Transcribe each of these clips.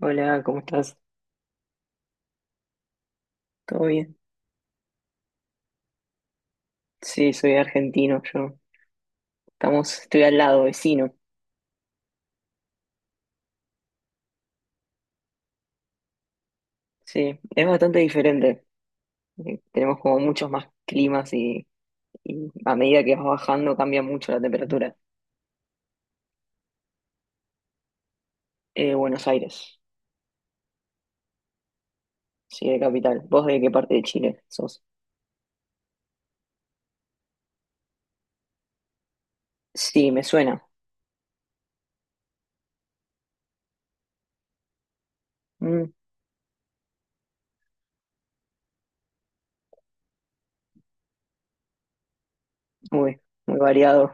Hola, ¿cómo estás? ¿Todo bien? Sí, soy argentino, yo. Estoy al lado, vecino. Sí, es bastante diferente. Tenemos como muchos más climas y a medida que vas bajando cambia mucho la temperatura. Buenos Aires, sí, de capital. ¿Vos de qué parte de Chile sos? Sí, me suena. Mm, uy, muy variado.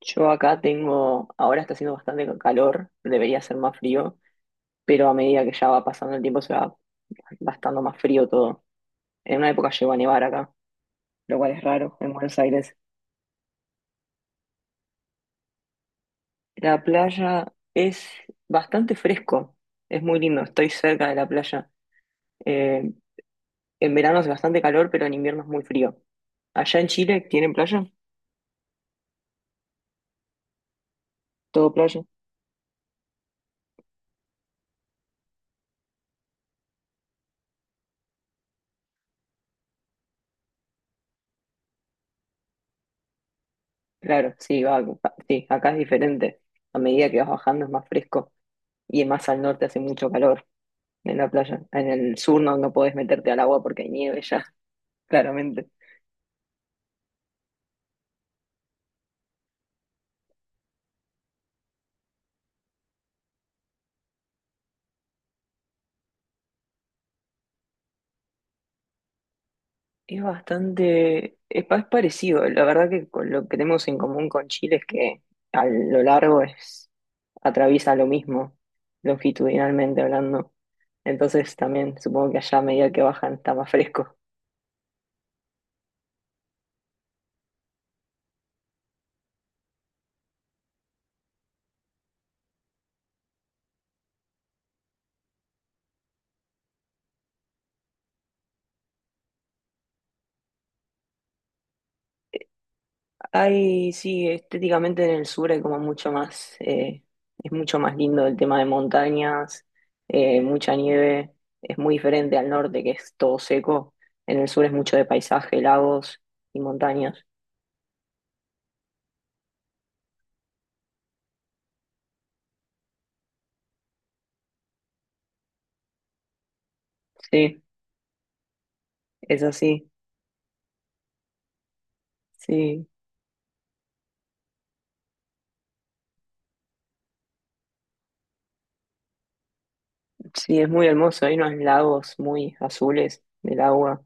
Yo acá ahora está haciendo bastante calor, debería ser más frío, pero a medida que ya va pasando el tiempo se va bastante más frío todo. En una época llegó a nevar acá, lo cual es raro en Buenos Aires. La playa es bastante fresco, es muy lindo, estoy cerca de la playa. Eh, en verano hace bastante calor, pero en invierno es muy frío. ¿Allá en Chile tienen playa? ¿Todo playa? Claro, sí, sí, acá es diferente. A medida que vas bajando es más fresco y más al norte hace mucho calor en la playa. En el sur no, no podés meterte al agua porque hay nieve ya, claramente. Es bastante, es parecido. La verdad que con lo que tenemos en común con Chile es que a lo largo atraviesa lo mismo, longitudinalmente hablando. Entonces también supongo que allá a medida que bajan está más fresco. Hay, sí, estéticamente en el sur hay como mucho más, es mucho más lindo el tema de montañas, mucha nieve, es muy diferente al norte que es todo seco. En el sur es mucho de paisaje, lagos y montañas. Sí, es así. Sí, sí, es muy hermoso. Hay unos lagos muy azules del agua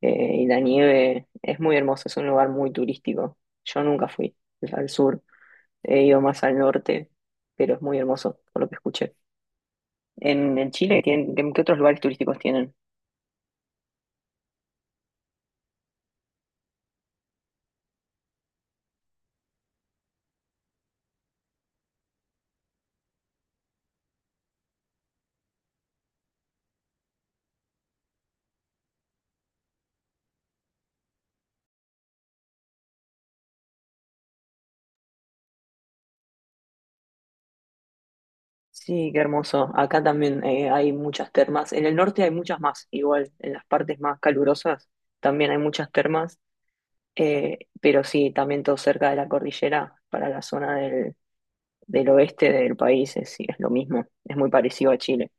y la nieve. Es muy hermoso, es un lugar muy turístico. Yo nunca fui al sur, he ido más al norte, pero es muy hermoso, por lo que escuché. En Chile, ¿qué otros lugares turísticos tienen? Sí, qué hermoso. Acá también hay muchas termas. En el norte hay muchas más, igual, en las partes más calurosas también hay muchas termas, pero sí, también todo cerca de la cordillera, para la zona del oeste del país, es, sí, es lo mismo, es muy parecido a Chile.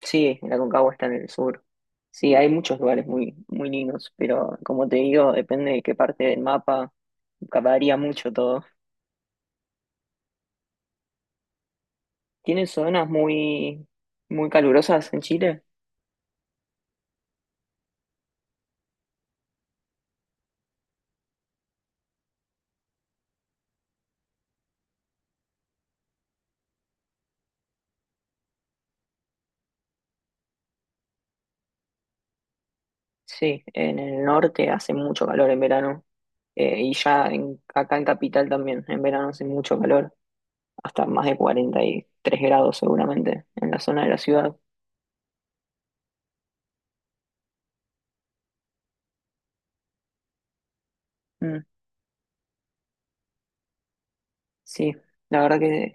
Sí, la Aconcagua está en el sur. Sí, hay muchos lugares muy, muy lindos, pero como te digo, depende de qué parte del mapa, varía mucho todo. ¿Tienen zonas muy, muy calurosas en Chile? Sí, en el norte hace mucho calor en verano, y ya acá en Capital también, en verano hace mucho calor, hasta más de 43 grados seguramente en la zona de la ciudad. Mm, sí, la verdad que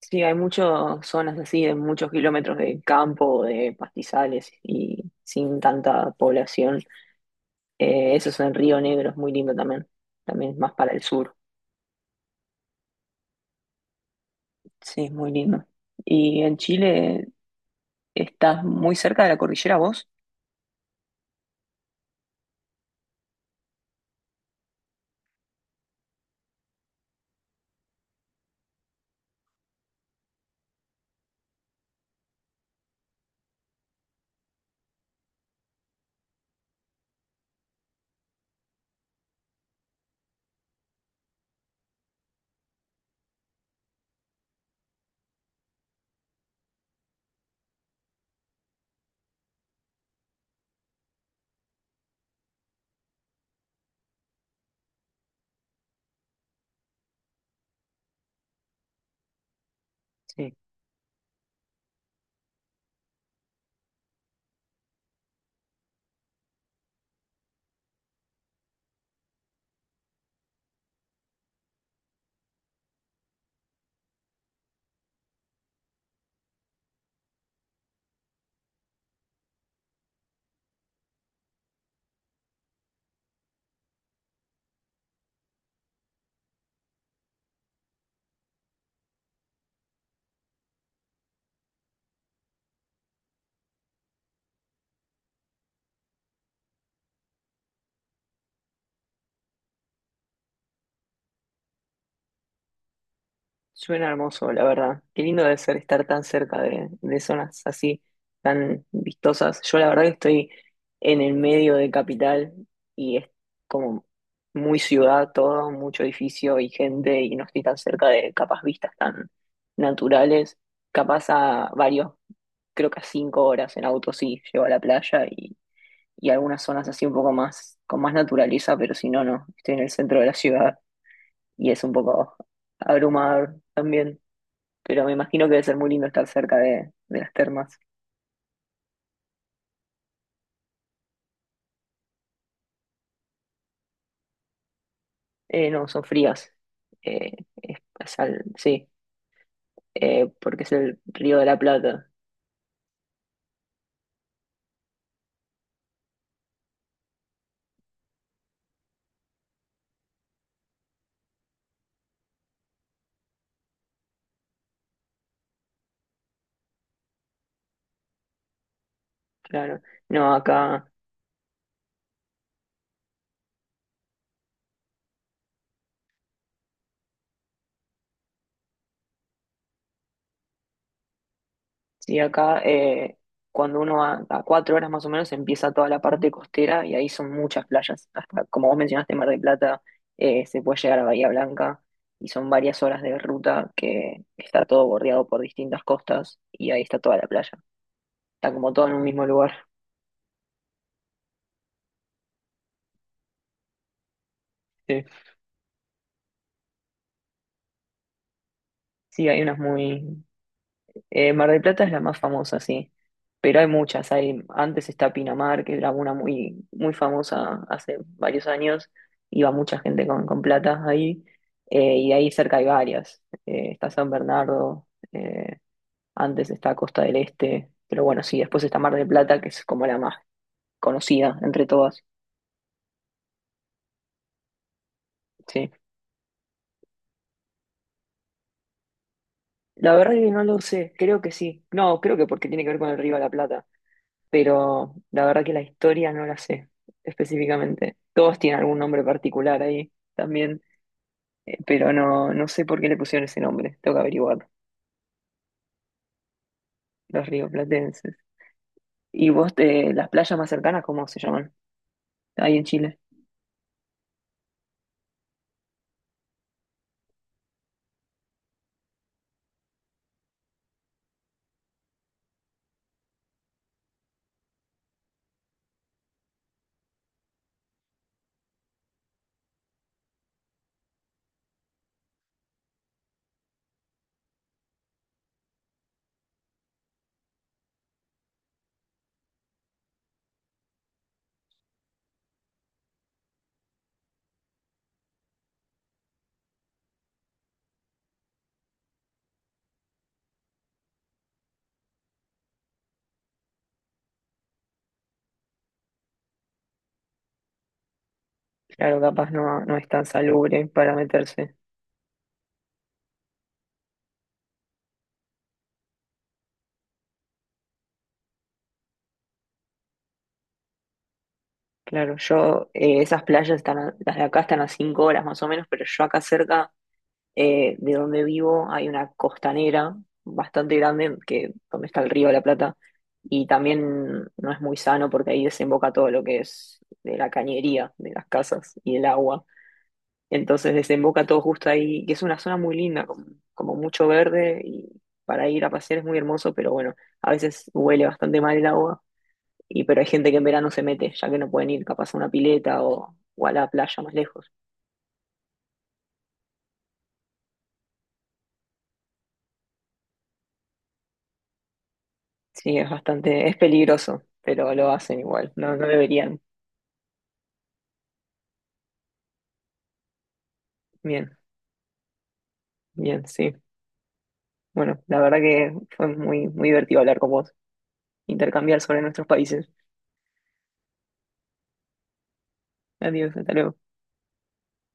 sí, hay muchas zonas así, de muchos kilómetros de campo, de pastizales y sin tanta población. Eso es en Río Negro, es muy lindo también. También es más para el sur. Sí, es muy lindo. ¿Y en Chile estás muy cerca de la cordillera vos? Sí. Suena hermoso, la verdad. Qué lindo debe ser estar tan cerca de zonas así, tan vistosas. Yo la verdad que estoy en el medio de capital y es como muy ciudad todo, mucho edificio y gente y no estoy tan cerca de capaz vistas tan naturales. Capaz creo que a 5 horas en auto sí, llego a la playa y algunas zonas así un poco más, con más naturaleza, pero si no, no. Estoy en el centro de la ciudad y es un poco abrumador también, pero me imagino que debe ser muy lindo estar cerca de las termas. No, son frías. Eh, sí, porque es el Río de la Plata, claro. No, acá, sí, acá, cuando uno va a 4 horas más o menos empieza toda la parte costera y ahí son muchas playas. Hasta, como vos mencionaste, Mar del Plata, se puede llegar a Bahía Blanca y son varias horas de ruta que está todo bordeado por distintas costas y ahí está toda la playa. Está como todo en un mismo lugar. Sí, sí, Mar del Plata es la más famosa, sí, pero hay muchas. Antes está Pinamar, que era una muy, muy famosa hace varios años. Iba mucha gente con plata ahí, y ahí cerca hay varias. Está San Bernardo, antes está Costa del Este, pero bueno, sí, después está Mar del Plata, que es como la más conocida entre todas, sí. La verdad es que no lo sé, creo que sí. No, creo que porque tiene que ver con el Río de la Plata, pero la verdad que la historia no la sé específicamente. Todos tienen algún nombre particular ahí también, pero no, no sé por qué le pusieron ese nombre, tengo que averiguar, los rioplatenses. ¿Y vos, las playas más cercanas, cómo se llaman? Ahí en Chile. Claro, capaz no, no es tan salubre para meterse. Claro, esas playas están, las de acá están a 5 horas más o menos, pero yo acá cerca. De donde vivo hay una costanera bastante grande, que donde está el río de la Plata, y también no es muy sano porque ahí desemboca todo lo que es de la cañería, de las casas y el agua. Entonces desemboca todo justo ahí, que es una zona muy linda, como mucho verde, y para ir a pasear es muy hermoso, pero bueno, a veces huele bastante mal el agua, y pero hay gente que en verano se mete, ya que no pueden ir capaz a una pileta o a la playa más lejos. Sí, es peligroso, pero lo hacen igual. No, no deberían. Bien, bien, sí. Bueno, la verdad que fue muy, muy divertido hablar con vos, intercambiar sobre nuestros países. Adiós, hasta luego.